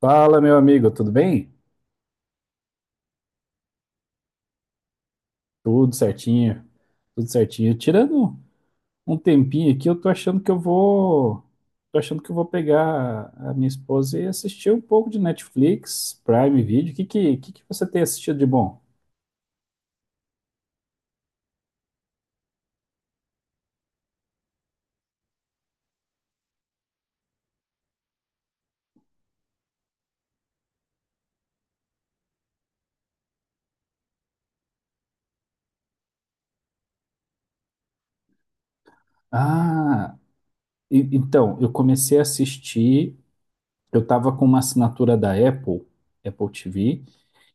Fala, meu amigo, tudo bem? Tudo certinho, tudo certinho. Tirando um tempinho aqui, eu tô achando que eu vou, tô achando que eu vou pegar a minha esposa e assistir um pouco de Netflix, Prime Video. Que você tem assistido de bom? Ah, então, eu comecei a assistir, eu tava com uma assinatura da Apple, Apple TV.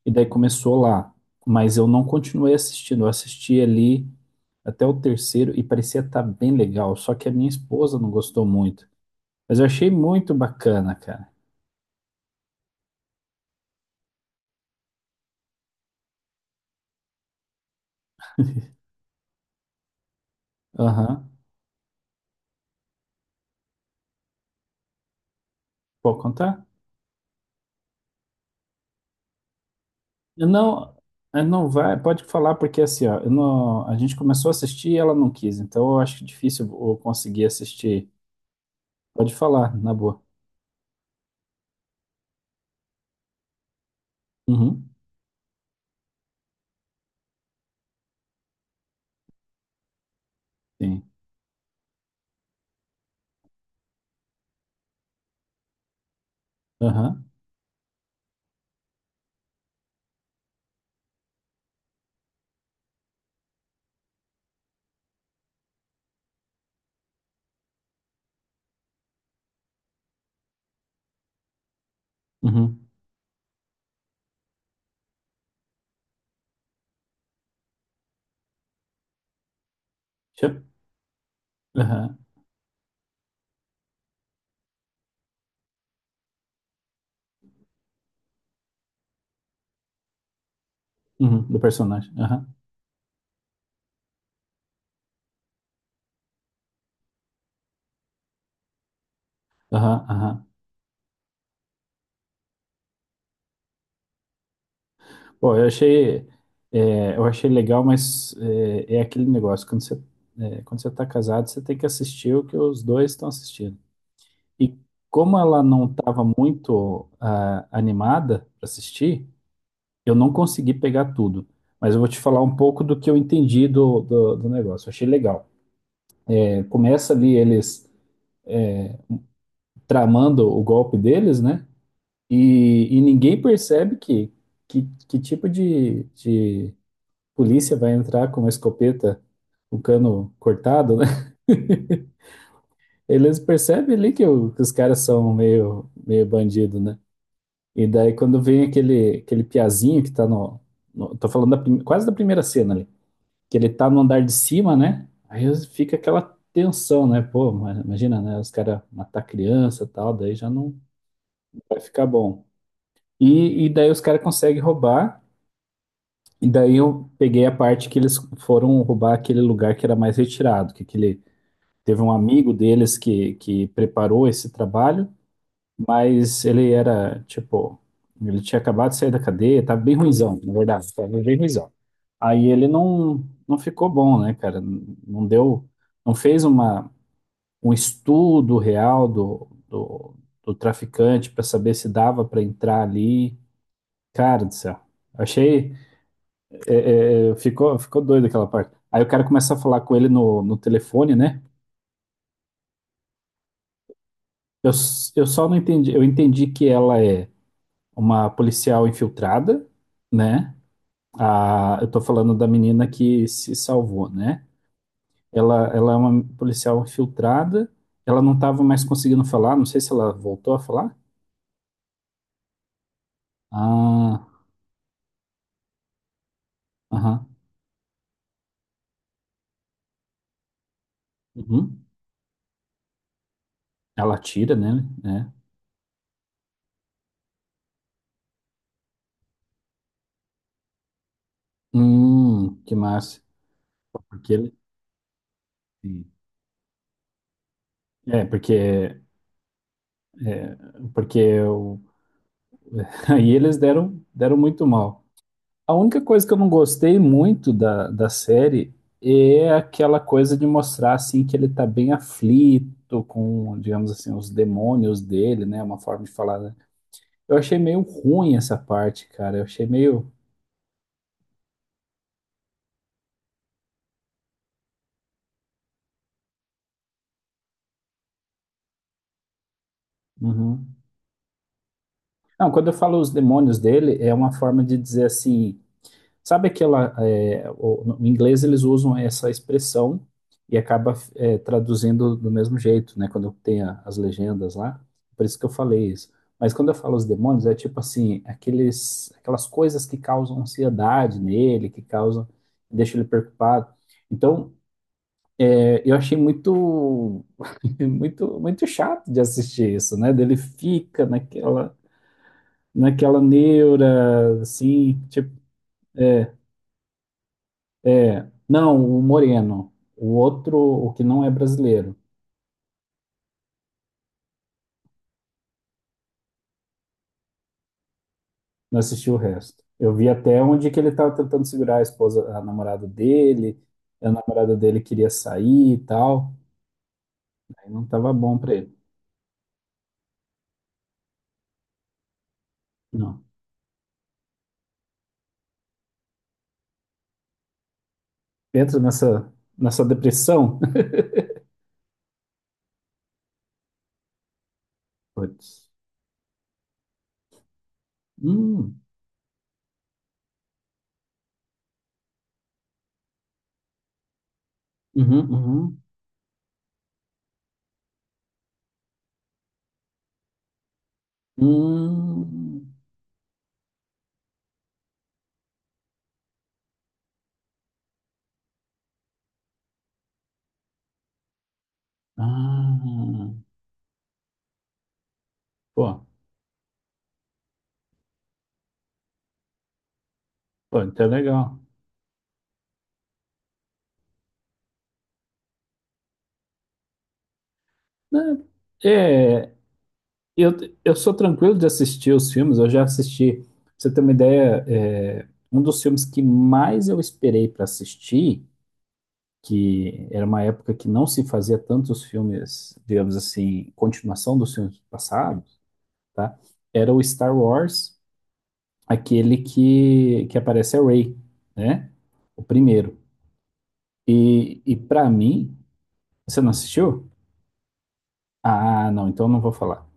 E daí começou lá. Mas eu não continuei assistindo. Eu assisti ali até o terceiro e parecia estar bem legal. Só que a minha esposa não gostou muito. Mas eu achei muito bacana, cara. Aham. Pode contar? Eu não, eu não vai, Pode falar, porque assim, ó, eu não, a gente começou a assistir e ela não quis. Então eu acho difícil eu conseguir assistir. Pode falar, na boa. Uhum. Sim. Aham. Uhum. Tchau. Aham. Uhum. Do personagem. Aham. Aham. Aham. Pô, eu achei, é, eu achei legal, mas é aquele negócio, quando você tá casado, você tem que assistir o que os dois estão assistindo. E como ela não estava muito animada para assistir, eu não consegui pegar tudo. Mas eu vou te falar um pouco do que eu entendi do negócio. Eu achei legal. É, começa ali eles tramando o golpe deles, né? E ninguém percebe que, que tipo de polícia vai entrar com uma escopeta, o cano cortado, né? Eles percebem ali que os caras são meio, meio bandido, né? E daí quando vem aquele piazinho que tá Tô falando da quase da primeira cena ali. Que ele tá no andar de cima, né? Fica aquela tensão, né? Pô, imagina, né? Os caras matar criança e tal, daí já não vai ficar bom. E daí os caras conseguem roubar. E daí eu peguei a parte que eles foram roubar aquele lugar que era mais retirado, que aquele teve um amigo deles que preparou esse trabalho, mas ele era, tipo, ele tinha acabado de sair da cadeia, tava bem ruinzão, na verdade, tava bem ruinzão. Aí ele não ficou bom, né, cara? Não deu, não fez uma, um estudo real do traficante para saber se dava para entrar ali. Cara do céu, achei, ficou, ficou doido aquela parte. Aí o cara começa a falar com ele no telefone, né? Eu só não entendi. Eu entendi que ela é uma policial infiltrada, né? A, eu tô falando da menina que se salvou, né? Ela é uma policial infiltrada. Ela não estava mais conseguindo falar. Não sei se ela voltou a falar. Ah, aham. Uhum. Ela atira nele, né? Que massa. Porque ele. Sim. É, porque, porque eu... aí eles deram muito mal. A única coisa que eu não gostei muito da série é aquela coisa de mostrar assim que ele tá bem aflito com, digamos assim, os demônios dele, né? Uma forma de falar, né? Eu achei meio ruim essa parte, cara. Eu achei meio. Uhum. Não, quando eu falo os demônios dele, é uma forma de dizer assim. Sabe aquela. No inglês eles usam essa expressão e acaba traduzindo do mesmo jeito, né? Quando tem as legendas lá. Por isso que eu falei isso. Mas quando eu falo os demônios, é tipo assim, aquelas coisas que causam ansiedade nele, deixam ele preocupado. Então, eu achei muito, muito, muito chato de assistir isso, né? Naquela neura, assim. Não, o Moreno. O outro, o que não é brasileiro. Não assisti o resto. Eu vi até onde que ele estava tentando segurar a esposa, a namorada dele. A namorada dele queria sair e tal. Aí não estava bom para ele. Não. Entra nessa, nessa depressão. Putz. Hum, uhum, uhum. Hum. Ah, pô, pô, então é legal. Né? É. Eu, eu sou tranquilo de assistir os filmes, eu já assisti, pra você ter uma ideia, um dos filmes que mais eu esperei para assistir, que era uma época que não se fazia tantos filmes, digamos assim, continuação dos filmes passados, tá? Era o Star Wars, aquele que aparece a Rey, né? O primeiro. E para mim, você não assistiu? Ah, não, então eu não vou falar.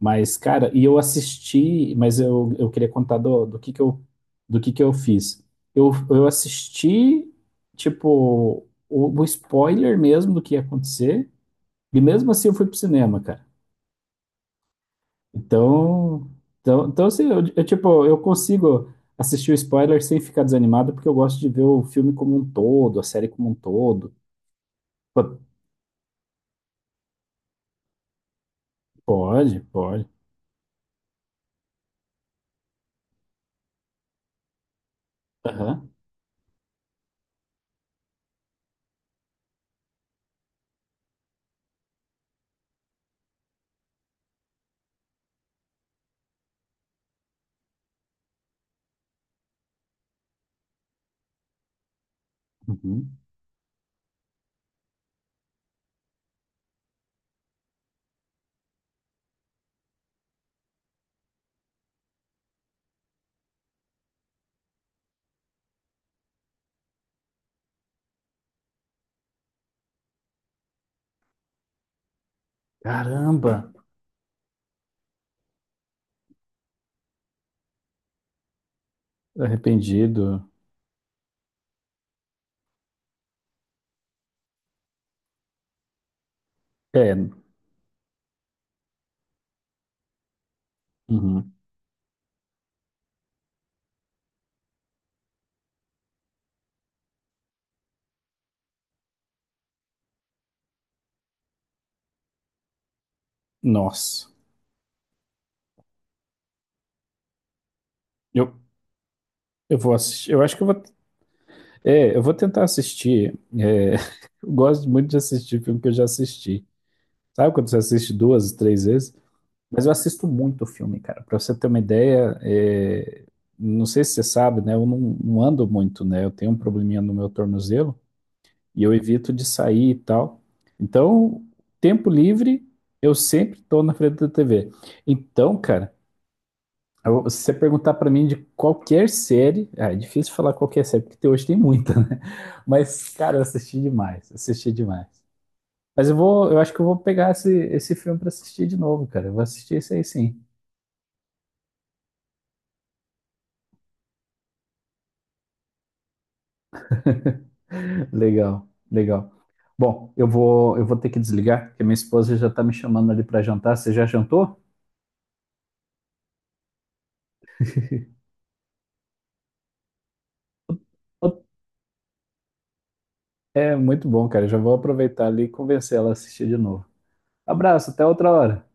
Mas, cara, e eu assisti, eu queria contar do que eu fiz. Eu assisti, tipo, o spoiler mesmo do que ia acontecer, e mesmo assim eu fui pro cinema, cara. Então, então assim, eu consigo assistir o spoiler sem ficar desanimado, porque eu gosto de ver o filme como um todo, a série como um todo. P- Pode, pode. Aham. Uhum. Caramba, arrependido. É, uhum. Nossa. Eu, eu vou assistir. Eu acho que eu vou. É, eu vou tentar assistir. Eu gosto muito de assistir filme que eu já assisti. Sabe quando você assiste duas, três vezes? Mas eu assisto muito filme, cara. Pra você ter uma ideia, não sei se você sabe, né? Eu não, não ando muito, né? Eu tenho um probleminha no meu tornozelo e eu evito de sair e tal. Então, tempo livre, eu sempre tô na frente da TV. Então, cara. Se você perguntar pra mim de qualquer série, ah, é difícil falar qualquer série, porque hoje tem muita, né? Mas, cara, eu assisti demais, assisti demais. Eu acho que eu vou pegar esse filme pra assistir de novo, cara. Eu vou assistir isso aí sim. Legal, legal. Bom, eu vou ter que desligar, porque minha esposa já tá me chamando ali pra jantar. Você já jantou? É muito bom, cara. Já vou aproveitar ali e convencer ela a assistir de novo. Abraço, até outra hora.